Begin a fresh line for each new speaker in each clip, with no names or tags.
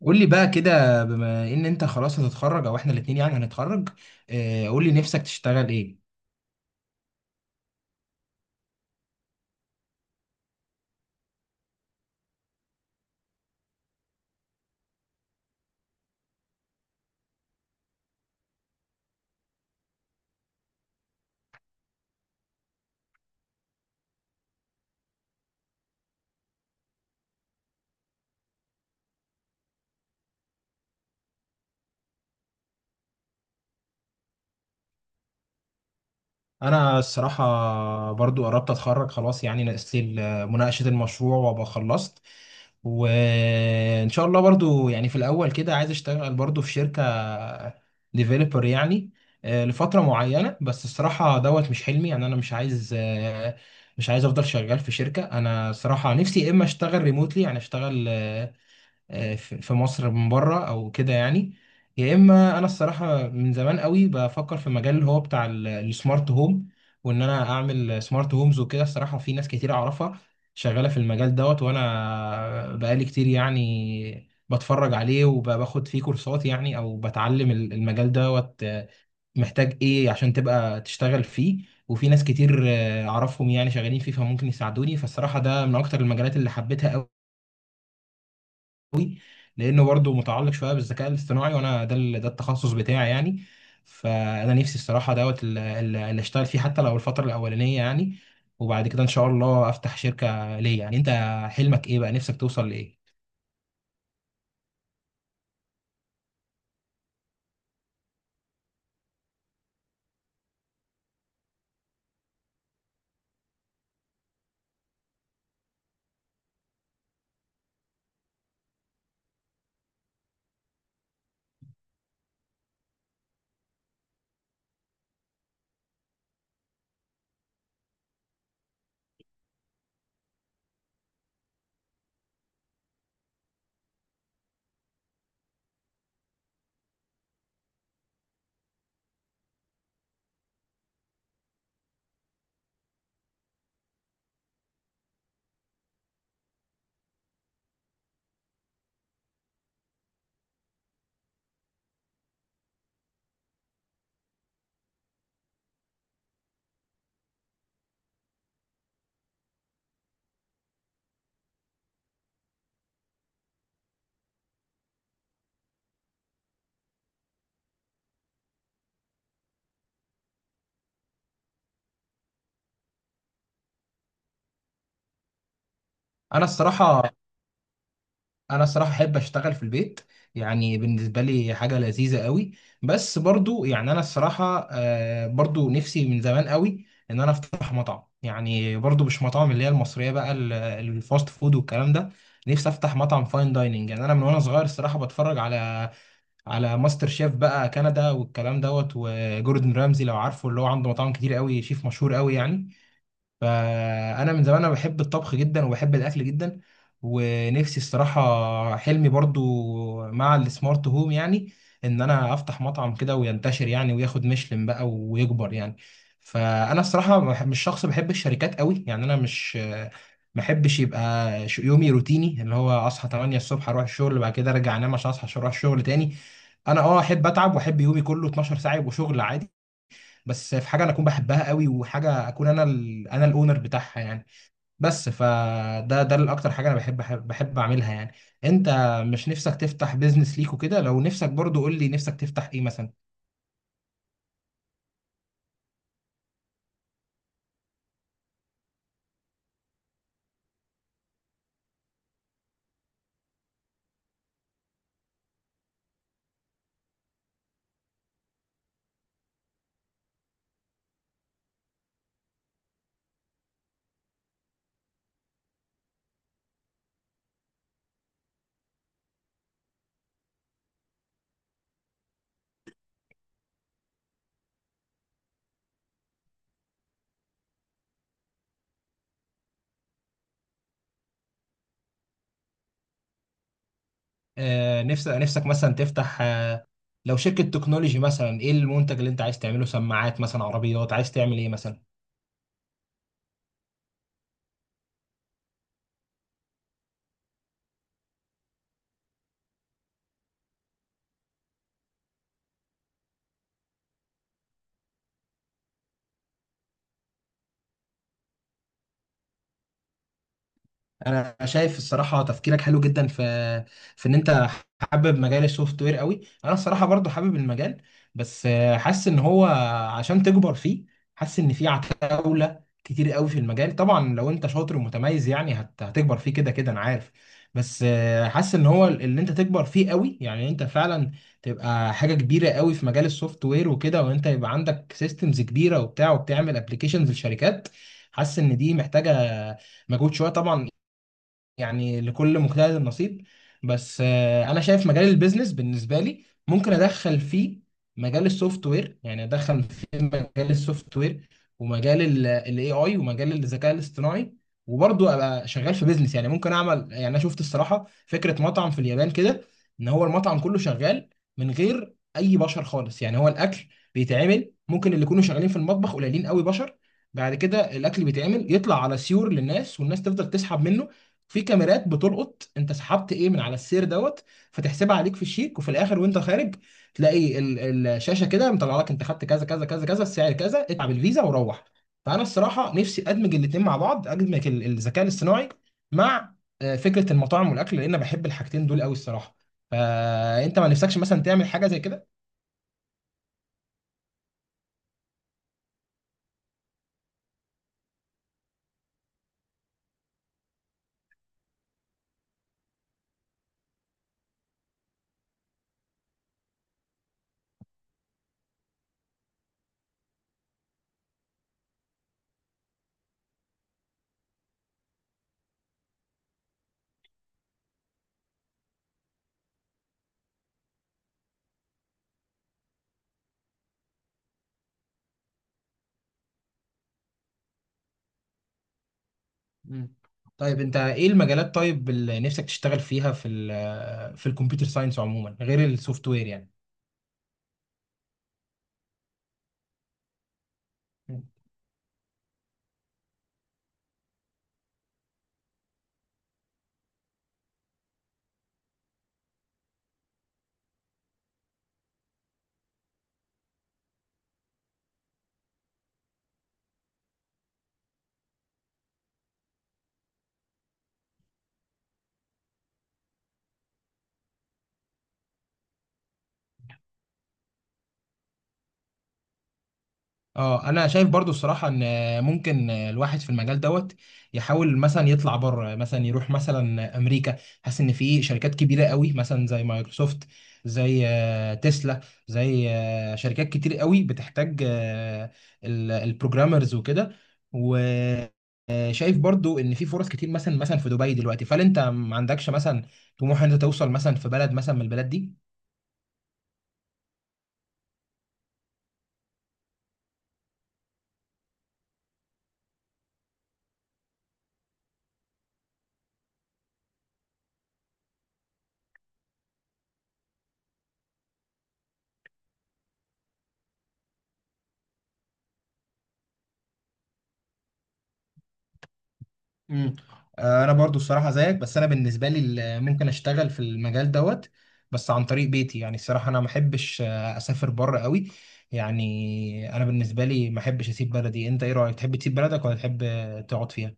قول لي بقى كده بما ان انت خلاص هتتخرج او احنا الاتنين يعني هنتخرج. قول لي نفسك تشتغل ايه. انا الصراحة برضو قربت اتخرج خلاص، يعني ناقص لي مناقشة المشروع وابقى خلصت. وان شاء الله برضو يعني في الاول كده عايز اشتغل برضو في شركة ديفيلوبر يعني, لفترة معينة. بس الصراحة دوت مش حلمي، يعني انا مش عايز, مش عايز افضل شغال في شركة. انا الصراحة نفسي يا اما اشتغل ريموتلي، يعني اشتغل, في مصر من بره او كده يعني، يا اما انا الصراحه من زمان قوي بفكر في مجال اللي هو بتاع السمارت هوم. وان انا اعمل سمارت هومز وكده. الصراحه في ناس كتير اعرفها شغاله في المجال دوت، وانا بقالي كتير يعني بتفرج عليه وباخد فيه كورسات، يعني او بتعلم المجال دوت, محتاج ايه عشان تبقى تشتغل فيه. وفي ناس كتير, اعرفهم يعني شغالين فيه، فممكن يساعدوني. فالصراحه ده من اكتر المجالات اللي حبيتها، لانه برضو متعلق شويه بالذكاء الاصطناعي، وانا ده التخصص بتاعي يعني. فانا نفسي الصراحه دوت اللي اشتغل فيه حتى لو الفتره الاولانيه يعني، وبعد كده ان شاء الله افتح شركه ليا. يعني انت حلمك ايه بقى؟ نفسك توصل لايه؟ انا الصراحه انا الصراحه احب اشتغل في البيت، يعني بالنسبه لي حاجه لذيذه قوي. بس برضو يعني انا الصراحه, برضو نفسي من زمان قوي ان انا افتح مطعم. يعني برضو مش مطاعم اللي هي المصريه بقى، الفاست فود والكلام ده. نفسي افتح مطعم فاين دايننج. يعني انا من وانا صغير الصراحه بتفرج على ماستر شيف بقى كندا والكلام دوت، وجوردن رامزي لو عارفه، اللي هو عنده مطاعم كتير قوي، شيف مشهور قوي يعني. فانا من زمان انا بحب الطبخ جدا وبحب الاكل جدا. ونفسي الصراحه حلمي برضو مع السمارت هوم، يعني ان انا افتح مطعم كده وينتشر يعني وياخد ميشلان بقى ويكبر يعني. فانا الصراحه مش شخص بحب الشركات قوي. يعني انا مش، ما بحبش يبقى يومي روتيني اللي هو اصحى 8 الصبح اروح الشغل، بعد كده ارجع انام عشان اصحى عشان اروح الشغل تاني. انا اه احب اتعب واحب يومي كله 12 ساعه يبقوا شغل عادي، بس في حاجه انا اكون بحبها قوي وحاجه اكون انا انا الاونر بتاعها يعني. بس فده ده الاكتر حاجه انا بحب اعملها يعني. انت مش نفسك تفتح بيزنس ليك وكده؟ لو نفسك برضو قول لي نفسك تفتح ايه مثلا؟ آه، نفسك مثلا تفتح آه، لو شركه تكنولوجي مثلا، ايه المنتج اللي انت عايز تعمله؟ سماعات مثلا، عربيات، عايز تعمل ايه مثلا؟ انا شايف الصراحه تفكيرك حلو جدا في ان انت حابب مجال السوفت وير قوي. انا الصراحه برضو حابب المجال، بس, حاسس ان هو عشان تكبر فيه، حاسس ان في عتاوله كتير قوي في المجال. طبعا لو انت شاطر ومتميز يعني هتكبر فيه كده كده انا عارف. بس, حاسس ان هو اللي انت تكبر فيه قوي يعني انت فعلا تبقى حاجه كبيره قوي في مجال السوفت وير وكده وانت يبقى عندك سيستمز كبيره وبتاع وبتعمل ابلكيشنز لشركات، حاسس ان دي محتاجه مجهود شويه طبعا. يعني لكل مجتهد نصيب. بس, انا شايف مجال البيزنس بالنسبه لي ممكن ادخل فيه مجال السوفت وير، يعني ادخل فيه مجال السوفت وير ومجال الاي اي ومجال الذكاء الاصطناعي، وبرضه ابقى شغال في بيزنس. يعني ممكن اعمل، يعني انا شفت الصراحه فكره مطعم في اليابان كده ان هو المطعم كله شغال من غير اي بشر خالص. يعني هو الاكل بيتعمل، ممكن اللي يكونوا شغالين في المطبخ قليلين قوي بشر، بعد كده الاكل بيتعمل يطلع على سيور للناس والناس تفضل تسحب منه، في كاميرات بتلقط انت سحبت ايه من على السير دوت فتحسبها عليك في الشيك، وفي الاخر وانت خارج تلاقي الشاشه كده مطلع لك انت خدت كذا كذا كذا كذا، السعر كذا، اتعب الفيزا وروح. فانا الصراحه نفسي ادمج الاثنين مع بعض، ادمج ال- الذكاء الاصطناعي مع, فكره المطاعم والاكل، لان أنا بحب الحاجتين دول قوي الصراحه. فانت ما نفسكش مثلا تعمل حاجه زي كده؟ مم. طيب انت ايه المجالات طيب اللي نفسك تشتغل فيها في ال آه، في الكمبيوتر ساينس عموما غير السوفت وير يعني؟ اه انا شايف برضو الصراحه ان ممكن الواحد في المجال دوت يحاول مثلا يطلع بره، مثلا يروح مثلا امريكا. حاسس ان في شركات كبيره قوي مثلا زي مايكروسوفت، زي, تسلا، زي, شركات كتير قوي بتحتاج, البروجرامرز وكده. وشايف برضو ان في فرص كتير، مثلا في دبي دلوقتي. فهل انت ما عندكش مثلا طموح ان انت توصل مثلا في بلد مثلا من البلاد دي؟ امم، انا برضو الصراحه زيك، بس انا بالنسبه لي ممكن اشتغل في المجال دوت بس عن طريق بيتي. يعني الصراحه انا ما احبش, اسافر بره قوي. يعني انا بالنسبه لي ما احبش اسيب بلدي. انت ايه رايك؟ تحب تسيب بلدك ولا تحب, تقعد فيها؟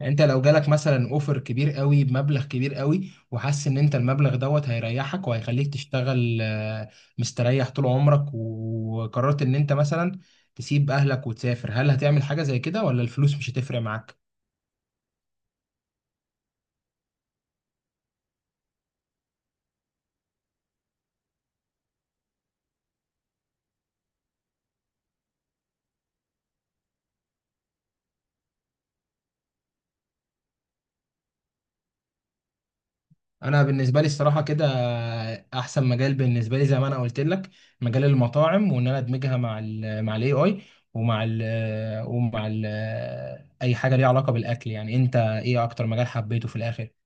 يعني انت لو جالك مثلا اوفر كبير قوي بمبلغ كبير قوي، وحاسس ان انت المبلغ دوت هيريحك وهيخليك تشتغل, مستريح طول عمرك، وقررت ان انت مثلا تسيب اهلك وتسافر، هل هتعمل حاجه زي كده؟ ولا الفلوس مش هتفرق معاك؟ انا بالنسبه لي الصراحه كده احسن مجال بالنسبه لي زي ما انا قلت لك، مجال المطاعم، وان انا ادمجها مع ال مع الاي اي ومع ال اي حاجه ليها علاقه بالاكل. يعني انت ايه اكتر مجال حبيته في الاخر؟